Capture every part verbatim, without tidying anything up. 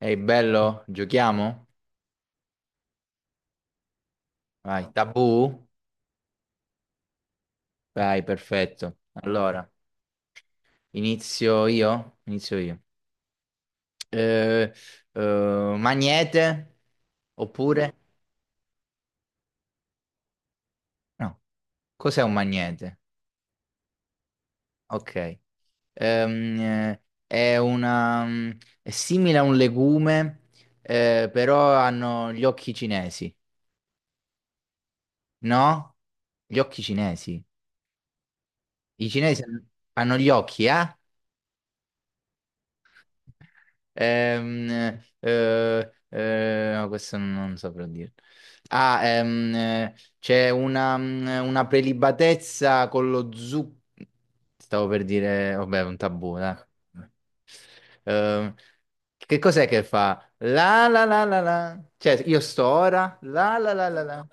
Ehi, bello, giochiamo? Vai, tabù? Vai, perfetto. Allora, inizio io? Inizio io. Eh, eh, magnete? Oppure? No, cos'è un magnete? Ok. Ehm, eh, è una, mm, è simile a un legume, eh, però hanno gli occhi cinesi, no? Gli occhi cinesi. I cinesi hanno hanno gli occhi, eh? Ehm, eh, eh, no, questo non, non saprò dire. Ah, ehm, eh, c'è una, mm, una prelibatezza con lo zucchero. Stavo per dire, vabbè, un tabù, dai. Ehm, che cos'è che fa? La la la la la. Cioè, io sto ora. La la la la la.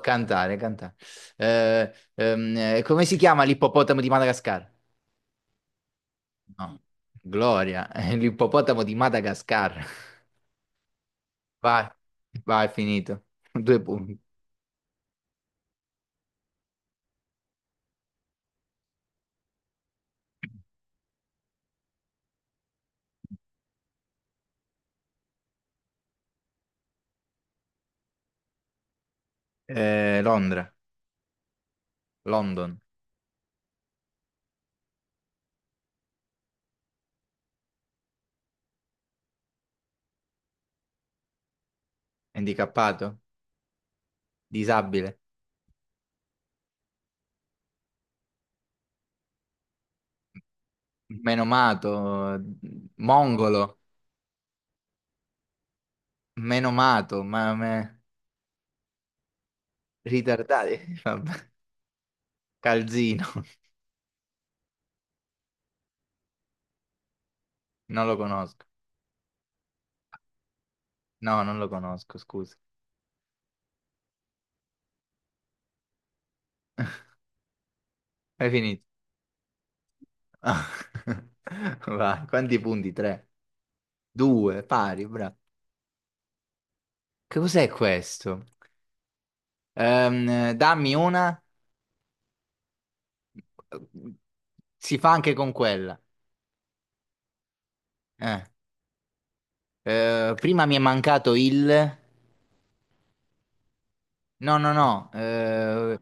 Cantare, cantare. Eh, ehm, eh, come si chiama l'ippopotamo di Madagascar? No. Gloria, è l'ippopotamo di Madagascar. Vai, vai, è finito. Due punti. Eh, Londra, London, handicappato, disabile, menomato, mongolo, menomato, ma me- ritardati. Vabbè. Calzino, non lo conosco. No, non lo conosco, scusa. Hai finito. Vai, quanti punti? Tre, due, pari, bravo. Che cos'è questo? Ehm, dammi una. Si fa anche con quella. Eh. Eh, prima mi è mancato il. No, no, no. eh,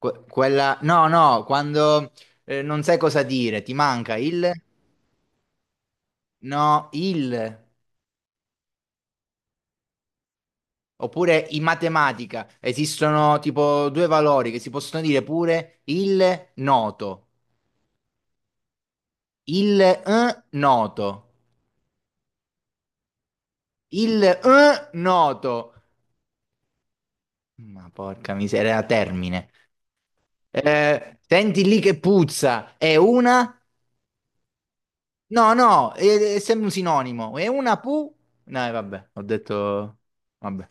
que- quella. No, no, quando eh, non sai cosa dire, ti manca il. No, il. Oppure in matematica esistono tipo due valori che si possono dire pure il noto, il eh, noto, il eh, noto. Ma porca miseria, era termine. Eh, senti lì che puzza, è una? No, no, è, è sempre un sinonimo. È una pu? No, eh, vabbè, ho detto. Vabbè.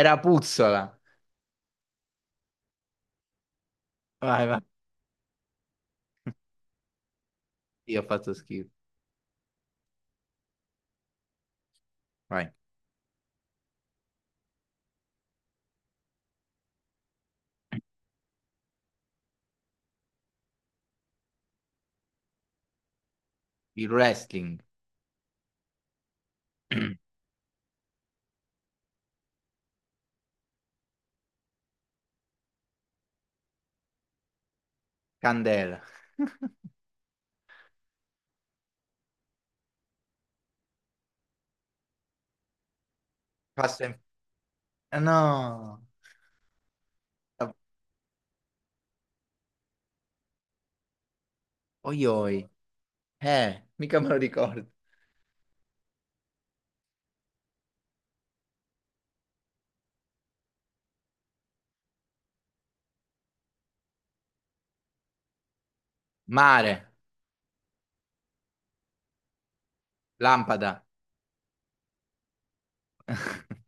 Era puzzola. Vai, vai. Io ho fatto schifo. Vai. Il wrestling. Candela. Passo in. Ah, no. Oi, oi. Eh, mica me lo ricordo. Mare. Lampada.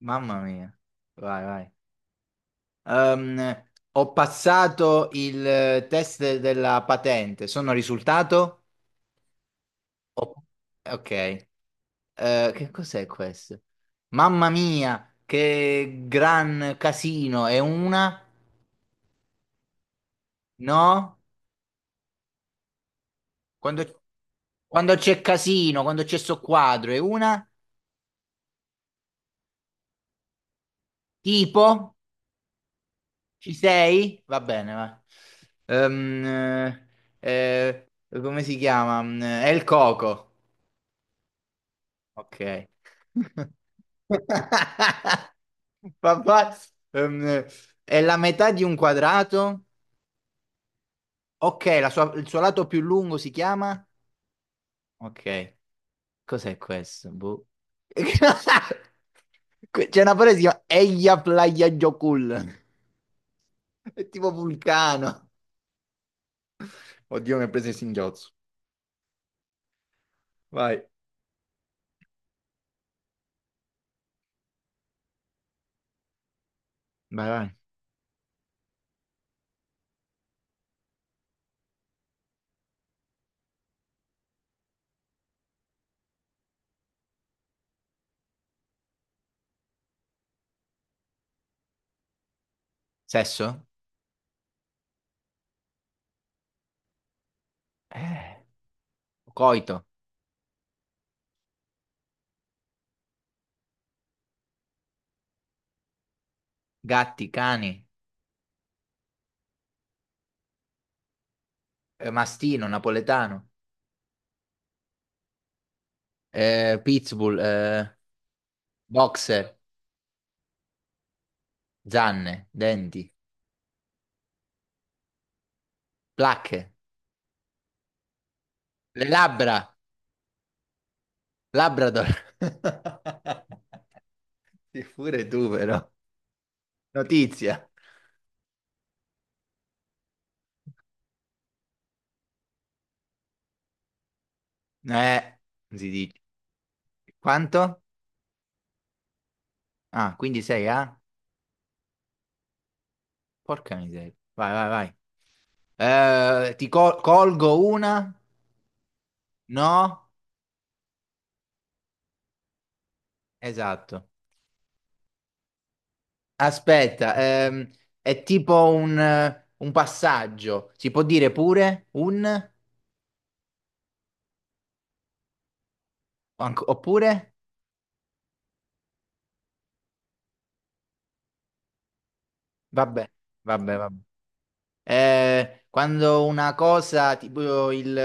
Mamma mia. Vai, vai. Ehm, ho passato il eh, test della patente, sono risultato? Ho- Ok. Eh, che cos'è questo? Mamma mia, che gran casino, è una? No? Quando, quando c'è casino, quando c'è sto quadro, è una? Tipo? Ci sei? Va bene, va. Ehm, eh, eh, come si chiama? Mm, È il coco. Ok. Papà, ehm, è la metà di un quadrato? Ok, la sua- il suo lato più lungo si chiama? Ok, cos'è questo? Boh. Que- C'è una frase che si chiama Eia Playa Jokul. È tipo vulcano. Oddio, mi ha preso il singhiozzo. Vai. Vai, vai. Sesso? Eh. Coito. Gatti, cani. eh, mastino, napoletano. eh, pitbull. eh, Boxer, zanne, denti, placche, le labbra, Labrador. Sì, pure tu però. Notizia. Eh, si dice. Quanto? Ah, quindi sei a? Porca miseria. Vai, vai, vai. Eh, ti col- colgo una? No? Esatto. Aspetta, ehm, è tipo un, eh, un passaggio. Si può dire pure un? Anc- Oppure? Vabbè, vabbè, vabbè. Eh, quando una cosa, tipo il,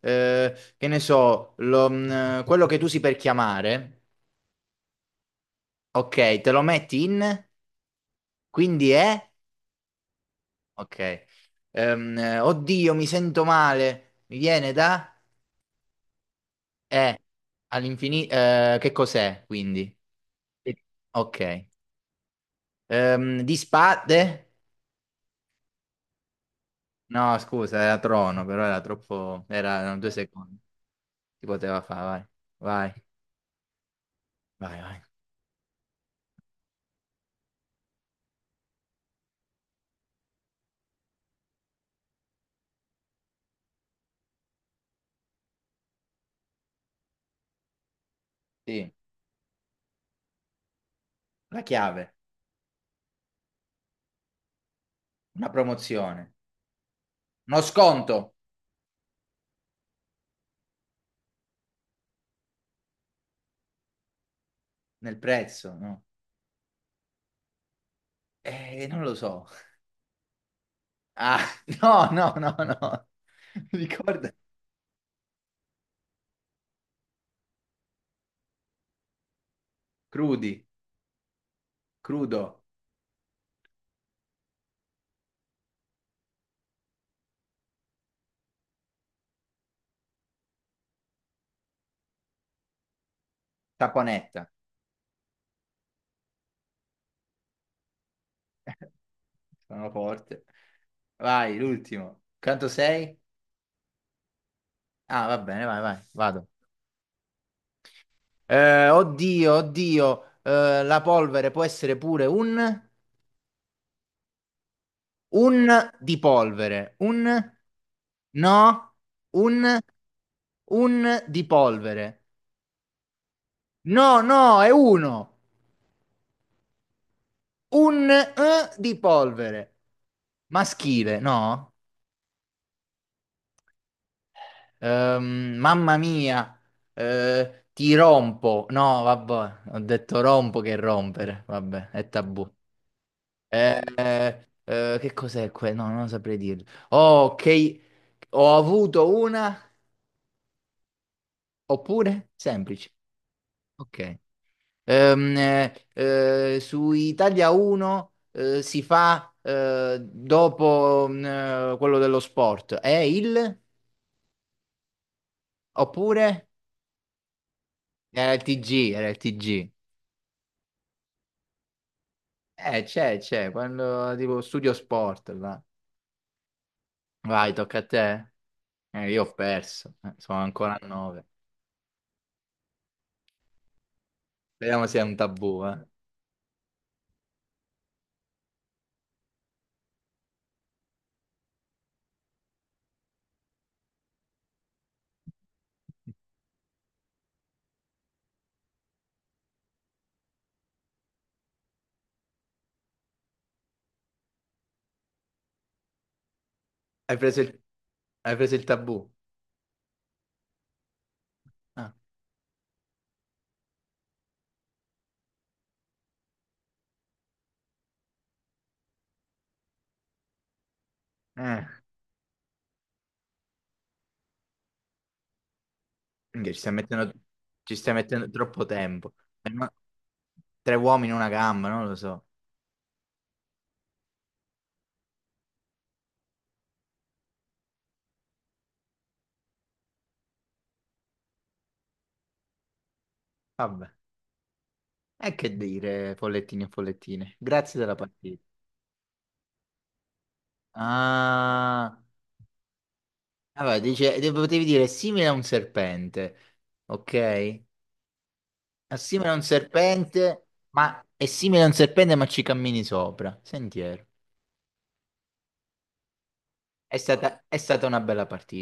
eh, che ne so, lo- mh, quello che tu usi per chiamare, ok, te lo metti in, quindi è, ok. Ehm, eh, oddio, mi sento male, mi viene da, è, all'infinito, che cos'è, quindi? Sì. Ok. Ehm, di spade, no, scusa, era trono, però era troppo, erano due secondi, si poteva fare, vai, vai, vai, vai. Sì, la chiave. Una promozione, uno sconto nel prezzo, no? Eh, non lo so. Ah, no, no, no, no. Ricorda, crudi, crudo, saponetta. Sono forte. Vai, l'ultimo. Quanto sei? Ah, va bene, vai, vai, vado. Eh, oddio, oddio, eh, la polvere può essere pure un. Un di polvere. Un. No, un. Un di polvere. No, no, è uno. Un eh, di polvere. Maschile, no? Ehm, mamma mia. Eh, ti rompo. No, vabbè, ho detto rompo che rompere. Vabbè, è tabù. Eh, eh, eh, che cos'è quello? No, non saprei dirlo. Oh, ok. Ho avuto una, oppure semplice. Ok. Ehm, eh, eh, su Italia uno eh, si fa eh, dopo mm, eh, quello dello sport. È il? Oppure? Era il ti gi, era il ti gi. Eh, c'è, c'è, quando tipo studio sport, là. Vai, tocca a te. Eh, io ho perso. Eh, sono ancora a nove. Vediamo se è un tabù, eh. Hai preso il, hai preso il tabù? Ah. Eh. Minchia, Ci stai mettendo, ci stai mettendo troppo tempo. Eh, ma- Tre uomini in una gamba, non lo so. Vabbè. E che dire, follettini e follettine. Grazie della partita. Ah, vabbè, dice, de- potevi dire è simile a un serpente, ok? È simile a un serpente, ma è simile a un serpente, ma ci cammini sopra. Sentiero. È stata, è stata una bella partita.